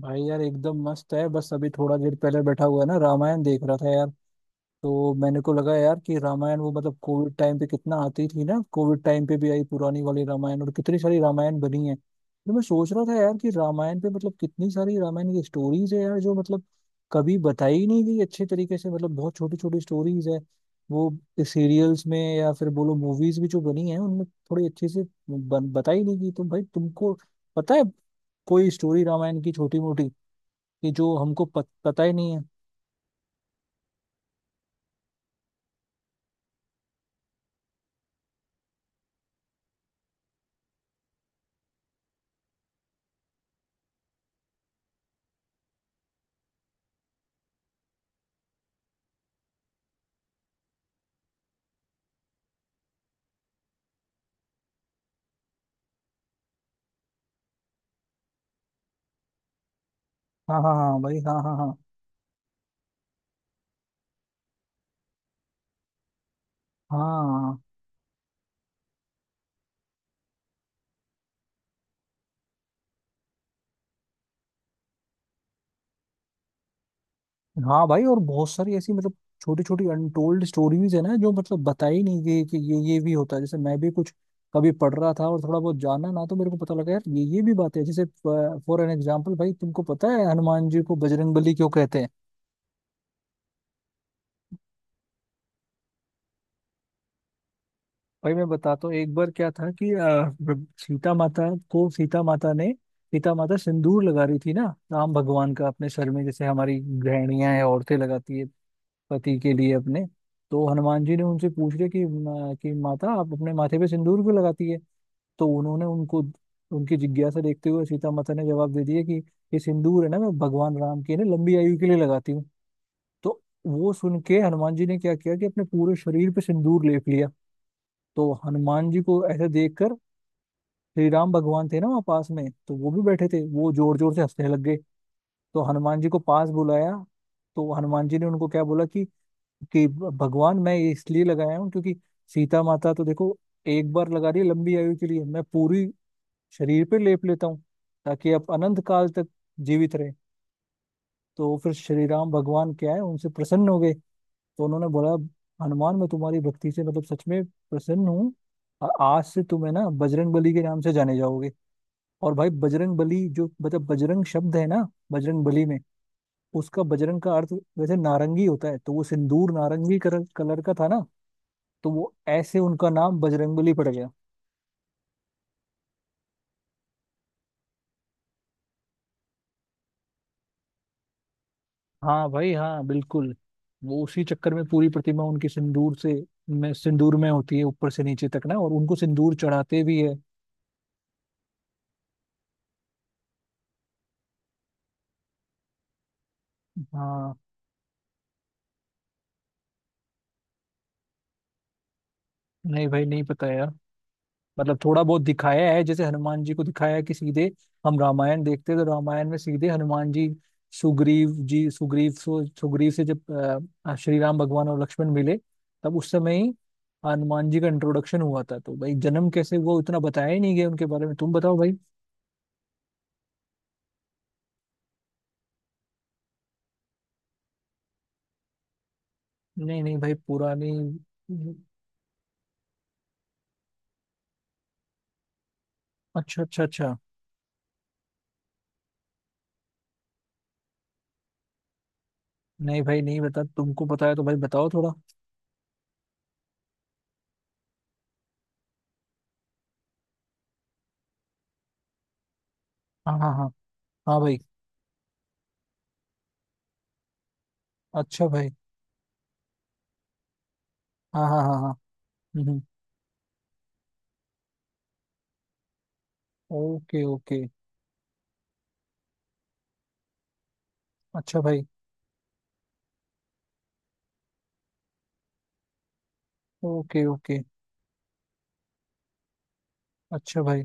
भाई यार एकदम मस्त है। बस अभी थोड़ा देर पहले बैठा हुआ है ना, रामायण देख रहा था यार। तो मैंने को लगा यार कि रामायण वो मतलब कोविड टाइम पे कितना आती थी ना, कोविड टाइम पे भी आई पुरानी वाली रामायण, और कितनी सारी रामायण बनी है। तो मैं सोच रहा था यार कि रामायण पे मतलब कितनी सारी रामायण की स्टोरीज है यार, जो मतलब कभी बताई ही नहीं गई अच्छे तरीके से, मतलब बहुत छोटी छोटी स्टोरीज है वो सीरियल्स में या फिर बोलो मूवीज भी जो बनी है उनमें थोड़ी अच्छे से बताई नहीं गई। तो भाई तुमको पता है कोई स्टोरी रामायण की छोटी मोटी, कि जो हमको पता ही नहीं है। हाँ हाँ हाँ भाई हाँ हाँ हाँ। हाँ हाँ भाई, और बहुत सारी ऐसी मतलब छोटी छोटी अनटोल्ड स्टोरीज है ना जो मतलब बताई नहीं गई कि ये भी होता है। जैसे मैं भी कुछ कभी पढ़ रहा था और थोड़ा बहुत जाना ना, तो मेरे को पता लगा यार ये भी बात है। जैसे फॉर एन एग्जाम्पल, भाई तुमको पता है हनुमान जी को बजरंगबली क्यों कहते हैं? भाई मैं बताता हूँ। एक बार क्या था कि सीता माता को सीता माता ने सीता माता सिंदूर लगा रही थी ना राम भगवान का अपने सर में, जैसे हमारी गृहिणियां हैं, औरतें लगाती है पति के लिए अपने। तो हनुमान जी ने उनसे पूछ लिया कि कि माता आप अपने माथे पे सिंदूर क्यों लगाती है? तो उन्होंने उनको उनकी जिज्ञासा देखते हुए सीता माता ने जवाब दे दिया कि ये सिंदूर है ना, मैं भगवान राम की ना लंबी आयु के लिए लगाती हूँ। तो वो सुन के हनुमान जी ने क्या किया कि अपने पूरे शरीर पे सिंदूर लेप लिया। तो हनुमान जी को ऐसे देखकर श्री राम भगवान थे ना वहाँ पास में, तो वो भी बैठे थे, वो जोर जोर से हंसने लग गए। तो हनुमान जी को पास बुलाया। तो हनुमान जी ने उनको क्या बोला कि भगवान मैं ये इसलिए लगाया हूँ क्योंकि सीता माता तो देखो एक बार लगा रही है लंबी आयु के लिए, मैं पूरी शरीर पे लेप लेता हूँ ताकि आप अनंत काल तक जीवित रहे। तो फिर श्री राम भगवान क्या है उनसे प्रसन्न हो गए। तो उन्होंने बोला, हनुमान मैं तुम्हारी भक्ति से मतलब सच में प्रसन्न हूँ, और आज से तुम्हें ना बजरंग बली के नाम से जाने जाओगे। और भाई बजरंग बली जो मतलब बजरंग शब्द है ना बजरंग बली में, उसका बजरंग का अर्थ वैसे नारंगी होता है। तो वो सिंदूर नारंगी कलर कलर का था ना, तो वो ऐसे उनका नाम बजरंगबली पड़ गया। हाँ भाई हाँ बिल्कुल। वो उसी चक्कर में पूरी प्रतिमा उनकी सिंदूर से में सिंदूर में होती है ऊपर से नीचे तक ना, और उनको सिंदूर चढ़ाते भी है। हाँ। नहीं भाई नहीं पता यार। मतलब थोड़ा बहुत दिखाया है जैसे हनुमान जी को दिखाया है कि सीधे हम रामायण देखते हैं तो रामायण में सीधे हनुमान जी सुग्रीव से जब श्री राम भगवान और लक्ष्मण मिले, तब उस समय ही हनुमान जी का इंट्रोडक्शन हुआ था। तो भाई जन्म कैसे वो इतना बताया ही नहीं गया उनके बारे में। तुम बताओ भाई। नहीं नहीं भाई पुरानी। अच्छा अच्छा अच्छा। नहीं भाई नहीं बता, तुमको पता है तो भाई बताओ थोड़ा। हाँ हाँ हाँ हाँ भाई। अच्छा भाई। हाँ हाँ हाँ हाँ। हम्म। Okay okay. अच्छा भाई। Okay okay. अच्छा भाई।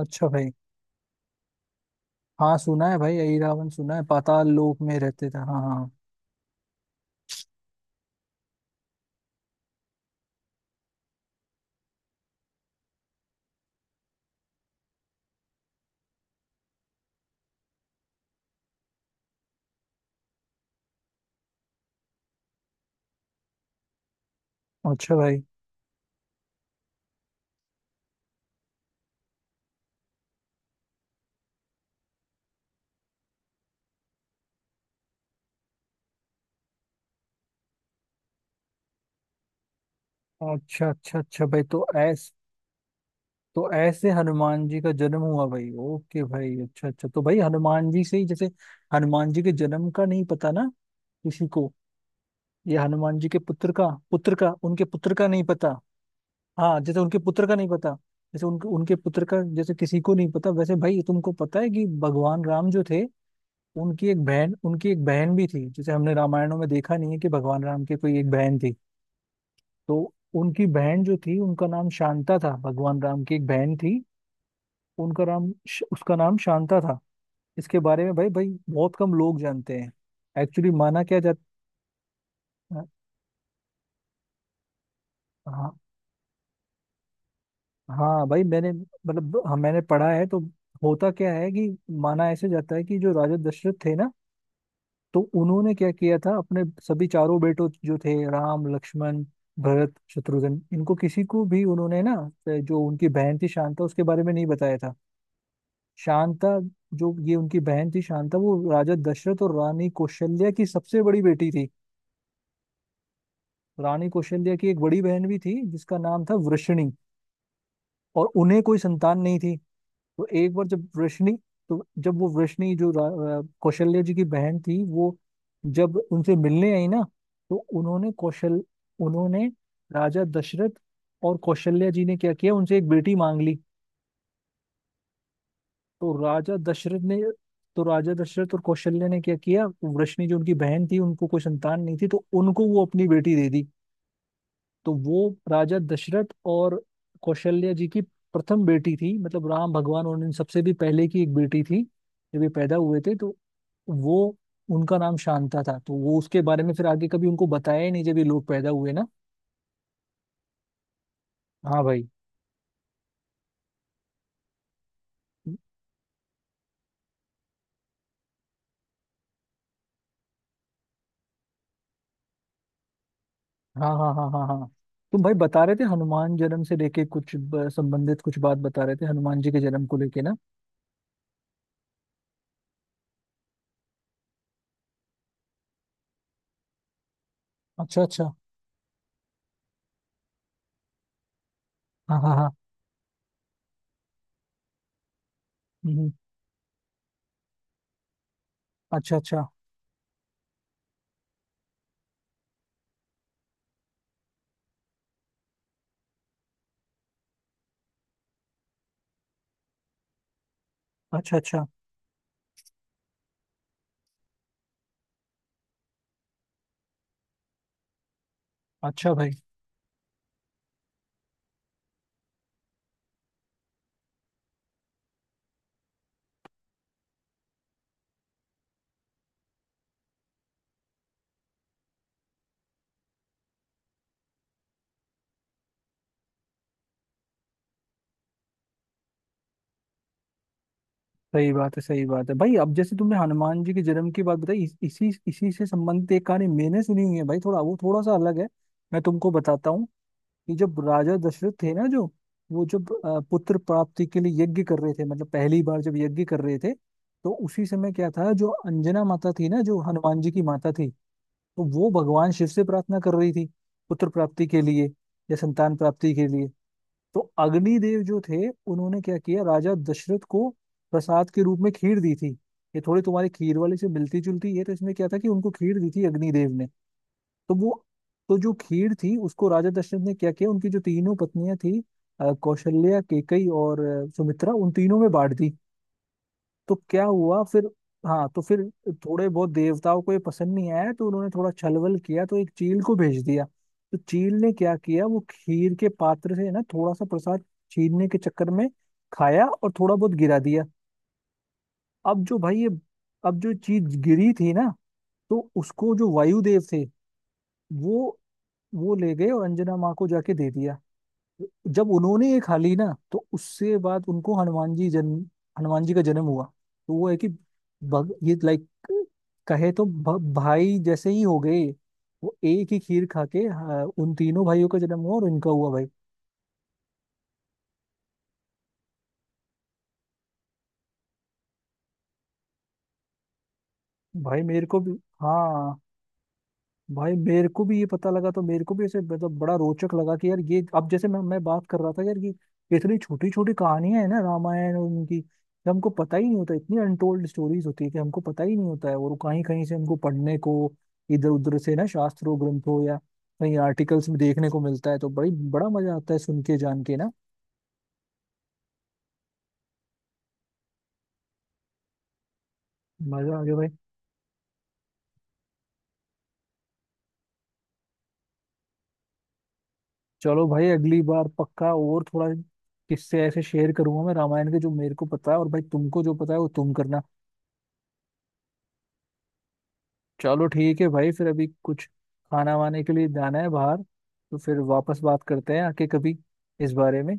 अच्छा भाई। हाँ सुना है भाई, यही रावण सुना है पाताल लोक में रहते थे, हाँ हाँ। अच्छा भाई। अच्छा अच्छा अच्छा भाई तो ऐस तो ऐसे हनुमान जी का जन्म हुआ भाई। ओके भाई। अच्छा अच्छा। तो भाई हनुमान जी से ही जैसे हनुमान जी के जन्म का नहीं पता ना किसी को। ये हनुमान जी के पुत्र का उनके पुत्र का नहीं पता। हाँ जैसे उनके पुत्र का नहीं पता। जैसे उनके उनके पुत्र का जैसे किसी को नहीं पता, वैसे भाई तुमको पता है कि भगवान राम जो थे उनकी एक बहन भी थी जिसे हमने रामायणों में देखा नहीं है कि भगवान राम की कोई एक बहन थी। तो उनकी बहन जो थी उनका नाम शांता था, भगवान राम की एक बहन थी, उनका नाम उसका नाम शांता था। इसके बारे में भाई भाई बहुत कम लोग जानते हैं। एक्चुअली माना क्या जाता, हाँ हाँ भाई मैंने मतलब हाँ, मैंने पढ़ा है। तो होता क्या है कि माना ऐसे जाता है कि जो राजा दशरथ थे ना, तो उन्होंने क्या किया था, अपने सभी चारों बेटों जो थे राम, लक्ष्मण, भरत, शत्रुघ्न, इनको किसी को भी उन्होंने ना जो उनकी बहन थी शांता उसके बारे में नहीं बताया था। शांता, जो ये उनकी बहन थी शांता, वो राजा दशरथ और रानी कौशल्या की सबसे बड़ी बेटी थी। रानी कौशल्या की एक बड़ी बहन भी थी जिसका नाम था वृषणी, और उन्हें कोई संतान नहीं थी। तो एक बार जब वृष्णि तो जब वो वृष्णि जो कौशल्य जी की बहन थी, वो जब उनसे मिलने आई ना, तो उन्होंने राजा दशरथ और कौशल्य जी ने क्या किया उनसे एक बेटी मांग ली। तो राजा दशरथ ने तो राजा दशरथ और कौशल्य ने क्या किया, वृष्णि जो उनकी बहन थी उनको कोई संतान नहीं थी, तो उनको वो अपनी बेटी दे दी। तो वो राजा दशरथ और कौशल्या जी की प्रथम बेटी थी, मतलब राम भगवान और इन सबसे भी पहले की एक बेटी थी। जब ये पैदा हुए थे तो वो उनका नाम शांता था। तो वो उसके बारे में फिर आगे कभी उनको बताया ही नहीं जब ये लोग पैदा हुए ना। हाँ भाई। हाँ हाँ हाँ हाँ हाँ। तुम भाई बता रहे थे हनुमान जन्म से लेके कुछ संबंधित कुछ बात बता रहे थे हनुमान जी के जन्म को लेके ना। अच्छा अच्छा। हाँ हाँ हाँ। हम्म। अच्छा अच्छा अच्छा। अच्छा। अच्छा भाई। सही बात है भाई। अब जैसे तुमने हनुमान जी के जन्म की बात बताई, इसी इसी से संबंधित एक कहानी मैंने सुनी हुई है भाई, थोड़ा वो थोड़ा सा अलग है। मैं तुमको बताता हूँ कि जब राजा दशरथ थे ना जो, वो जब पुत्र प्राप्ति के लिए यज्ञ कर रहे थे, मतलब पहली बार जब यज्ञ कर रहे थे, तो उसी समय क्या था, जो अंजना माता थी ना जो हनुमान जी की माता थी, तो वो भगवान शिव से प्रार्थना कर रही थी पुत्र प्राप्ति के लिए या संतान प्राप्ति के लिए। तो अग्निदेव जो थे उन्होंने क्या किया, राजा दशरथ को प्रसाद के रूप में खीर दी थी। ये थोड़ी तुम्हारी खीर वाली से मिलती जुलती है, तो इसमें क्या था कि उनको खीर दी थी अग्निदेव ने। तो वो, तो जो खीर थी उसको राजा दशरथ ने क्या किया, उनकी जो तीनों पत्नियां थी कौशल्या, केकई और सुमित्रा, उन तीनों में बांट दी। तो क्या हुआ फिर? हाँ तो फिर थोड़े बहुत देवताओं को ये पसंद नहीं आया, तो उन्होंने थोड़ा छलबल किया, तो एक चील को भेज दिया। तो चील ने क्या किया, वो खीर के पात्र से ना थोड़ा सा प्रसाद छीनने के चक्कर में खाया और थोड़ा बहुत गिरा दिया। अब जो भाई ये, अब जो चीज गिरी थी ना, तो उसको जो वायुदेव थे, वो वो ले गए और अंजना माँ को जाके दे दिया। जब उन्होंने ये खा ली ना, तो उससे बाद उनको हनुमान जी का जन्म हुआ। तो वो है कि ये लाइक कहे तो भाई जैसे ही हो गए। वो एक ही खीर खा के हाँ, उन तीनों भाइयों का जन्म हुआ और इनका हुआ भाई। भाई मेरे को भी हाँ। भाई मेरे को भी ये पता लगा, तो मेरे को भी ऐसे मतलब बड़ा रोचक लगा कि यार ये, अब जैसे मैं बात कर रहा था यार कि इतनी छोटी छोटी कहानियां है ना रामायण और उनकी, कि हमको पता ही नहीं होता, इतनी अनटोल्ड स्टोरीज होती है कि हमको पता ही नहीं होता है, और कहीं कहीं से हमको पढ़ने को, इधर उधर से ना, शास्त्रों, ग्रंथों या कहीं आर्टिकल्स में देखने को मिलता है, तो बड़ी बड़ा मजा आता है सुन के जान के ना। मजा आ गया भाई। चलो भाई, अगली बार पक्का और थोड़ा किससे ऐसे शेयर करूंगा मैं रामायण के जो मेरे को पता है, और भाई तुमको जो पता है वो तुम करना। चलो ठीक है भाई, फिर अभी कुछ खाना वाने के लिए जाना है बाहर, तो फिर वापस बात करते हैं आके कभी इस बारे में।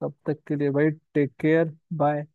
तब तक के लिए भाई, टेक केयर। बाय।